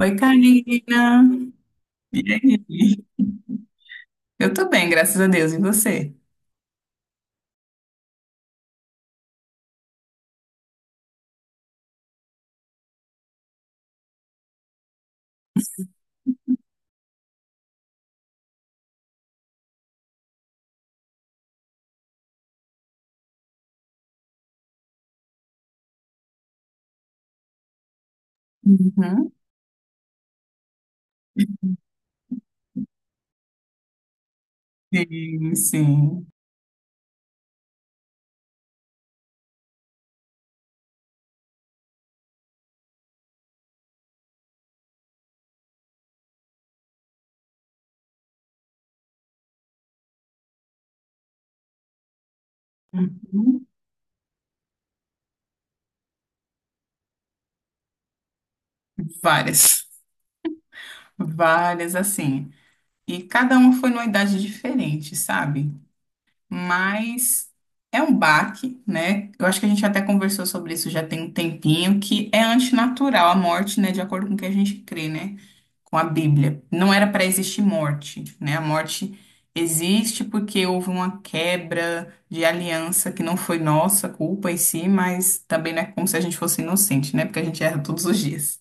Oi, Karina. E aí? Eu tô bem, graças a Deus. E você? Uhum. Sim, sim. Várias. Várias, assim. E cada uma foi numa idade diferente, sabe? Mas é um baque, né? Eu acho que a gente até conversou sobre isso já tem um tempinho, que é antinatural a morte, né? De acordo com o que a gente crê, né? Com a Bíblia. Não era para existir morte, né? A morte existe porque houve uma quebra de aliança que não foi nossa culpa em si, mas também não é como se a gente fosse inocente, né? Porque a gente erra todos os dias.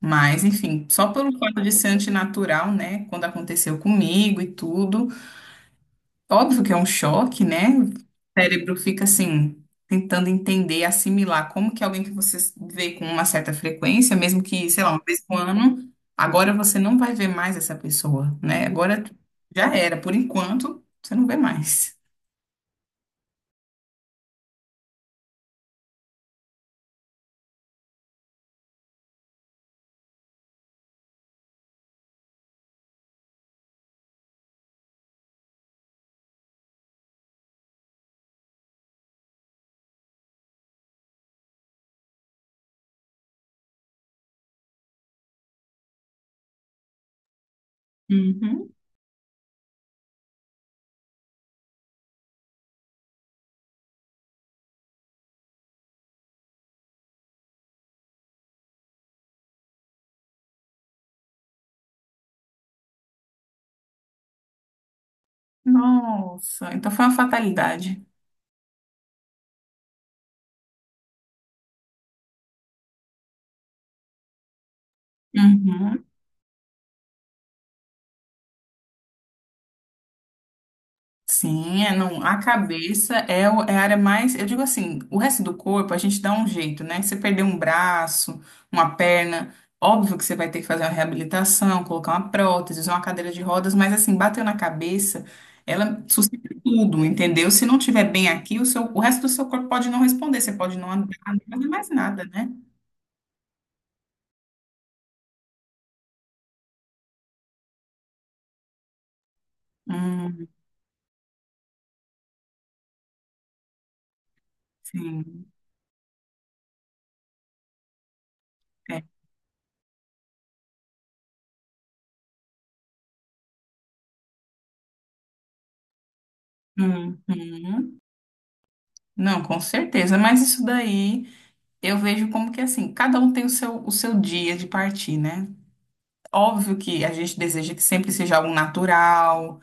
Mas, enfim, só pelo fato de ser antinatural, né? Quando aconteceu comigo e tudo. Óbvio que é um choque, né? O cérebro fica assim, tentando entender, assimilar como que alguém que você vê com uma certa frequência, mesmo que, sei lá, uma vez por ano, agora você não vai ver mais essa pessoa, né? Agora já era, por enquanto, você não vê mais. Uhum. Nossa, então foi uma fatalidade. Uhum. Sim, é, não, a cabeça é, é a área mais, eu digo assim, o resto do corpo a gente dá um jeito, né? Você perder um braço, uma perna, óbvio que você vai ter que fazer uma reabilitação, colocar uma prótese, usar uma cadeira de rodas, mas assim, bateu na cabeça, ela suscita tudo, entendeu? Se não tiver bem aqui, o seu, o resto do seu corpo pode não responder, você pode não andar, não fazer mais nada, né? Hum, sim. É. Uhum. Não, com certeza, mas isso daí. Eu vejo como que assim, cada um tem o seu dia de partir, né? Óbvio que a gente deseja que sempre seja algo natural.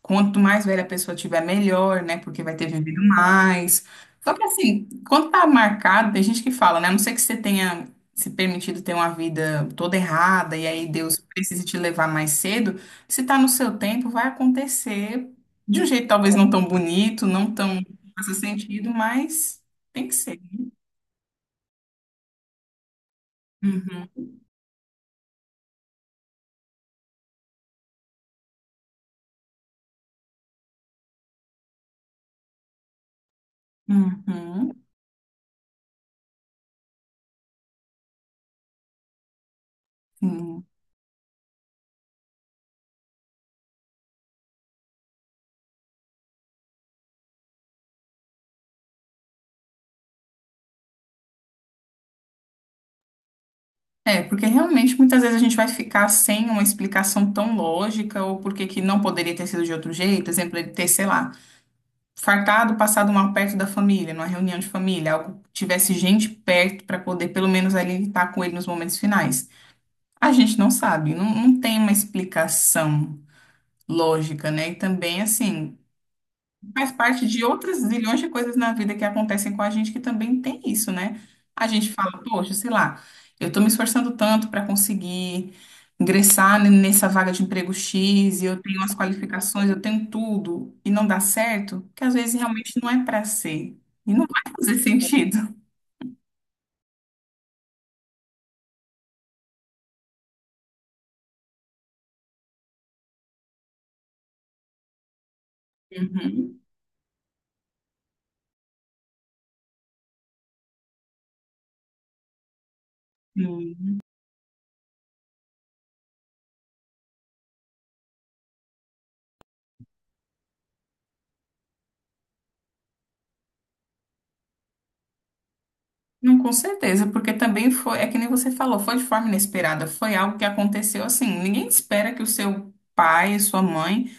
Quanto mais velha a pessoa tiver, melhor, né? Porque vai ter vivido mais. Só que assim, quando tá marcado, tem gente que fala, né? A não ser que você tenha se permitido ter uma vida toda errada e aí Deus precise te levar mais cedo, se tá no seu tempo, vai acontecer de um jeito talvez não tão bonito, não tão faça sentido, mas tem que ser. Uhum, uhum. Sim. É, porque realmente muitas vezes a gente vai ficar sem uma explicação tão lógica ou porque que não poderia ter sido de outro jeito. Exemplo, ele ter, sei lá, fartado, passado mal perto da família, numa reunião de família, algo que tivesse gente perto para poder pelo menos ali estar com ele nos momentos finais. A gente não sabe, não, não tem uma explicação lógica, né? E também, assim, faz parte de outras zilhões de coisas na vida que acontecem com a gente que também tem isso, né? A gente fala, poxa, sei lá, eu tô me esforçando tanto para conseguir ingressar nessa vaga de emprego X, e eu tenho as qualificações, eu tenho tudo, e não dá certo, que às vezes realmente não é para ser. E não vai fazer sentido. Uhum. Uhum. Não, com certeza, porque também foi, é que nem você falou, foi de forma inesperada, foi algo que aconteceu assim. Ninguém espera que o seu pai, sua mãe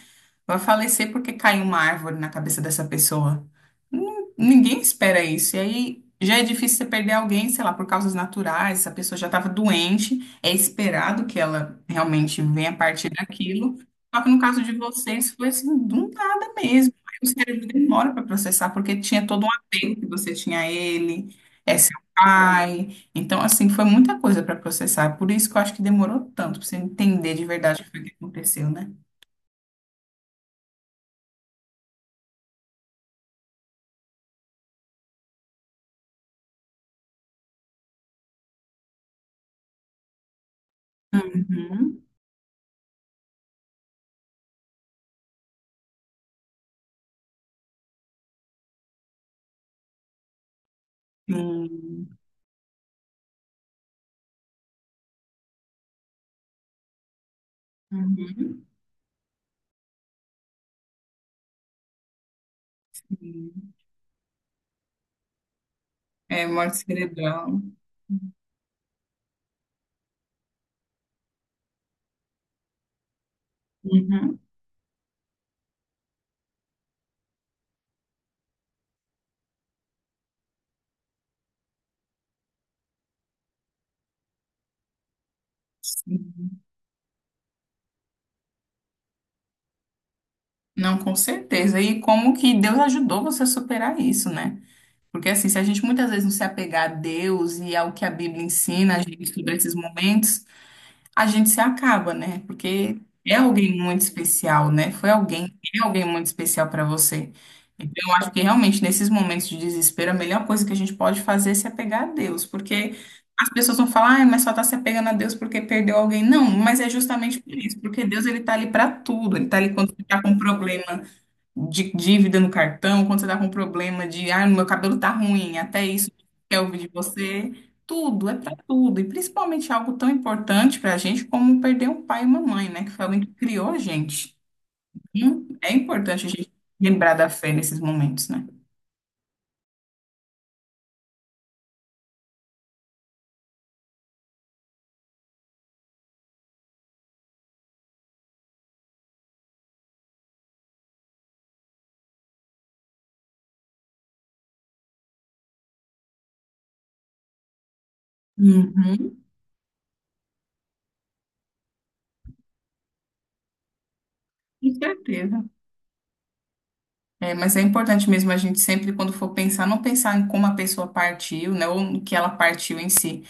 vai falecer porque caiu uma árvore na cabeça dessa pessoa. Ninguém espera isso. E aí já é difícil você perder alguém, sei lá, por causas naturais. Essa pessoa já estava doente, é esperado que ela realmente venha a partir daquilo. Só que no caso de vocês, foi assim, do nada mesmo. Aí o cérebro demora para processar, porque tinha todo um apego que você tinha a ele, é seu pai. Então, assim, foi muita coisa para processar. Por isso que eu acho que demorou tanto para você entender de verdade o que foi que aconteceu, né? Uhum. Hum, uhum, sim. É, morte cerebral. Uhum, sim. Não, com certeza. E como que Deus ajudou você a superar isso, né? Porque assim, se a gente muitas vezes não se apegar a Deus e ao que a Bíblia ensina a gente sobre esses momentos, a gente se acaba, né? Porque é alguém muito especial, né? Foi alguém, é alguém muito especial para você. Então, eu acho que realmente nesses momentos de desespero, a melhor coisa que a gente pode fazer é se apegar a Deus, porque as pessoas vão falar, ah, mas só tá se apegando a Deus porque perdeu alguém. Não, mas é justamente por isso, porque Deus ele tá ali para tudo, ele tá ali quando você tá com problema de dívida no cartão, quando você tá com problema de, ah, meu cabelo tá ruim, até isso quer ouvir de você. Tudo, é pra tudo. E principalmente algo tão importante pra gente como perder um pai e uma mãe, né? Que foi alguém que criou a gente. É importante a gente lembrar da fé nesses momentos, né? Uhum, com certeza. É, mas é importante mesmo a gente sempre, quando for pensar, não pensar em como a pessoa partiu, né? Ou no que ela partiu em si.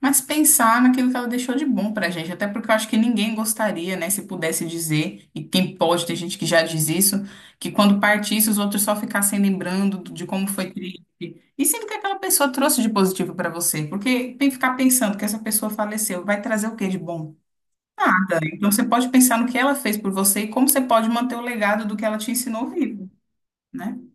Mas pensar naquilo que ela deixou de bom pra gente, até porque eu acho que ninguém gostaria, né, se pudesse dizer, e quem pode, tem gente que já diz isso, que quando partisse os outros só ficassem lembrando de como foi triste. E sendo que aquela pessoa trouxe de positivo pra você, porque tem que ficar pensando que essa pessoa faleceu, vai trazer o que de bom? Nada. Então você pode pensar no que ela fez por você e como você pode manter o legado do que ela te ensinou vivo, né?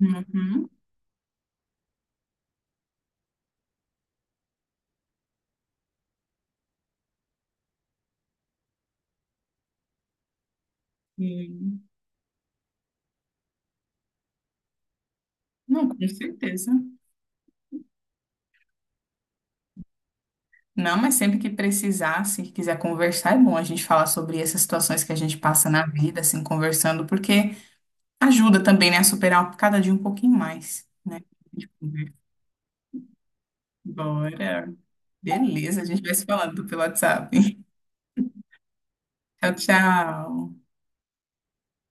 Uhum. Sim. Não, com certeza. Não, mas sempre que precisar, se quiser conversar, é bom a gente falar sobre essas situações que a gente passa na vida, assim, conversando, porque ajuda também, né, a superar cada dia um pouquinho mais, né? A gente conversa. Bora. Beleza, a gente vai se falando pelo WhatsApp. Tchau, tchau.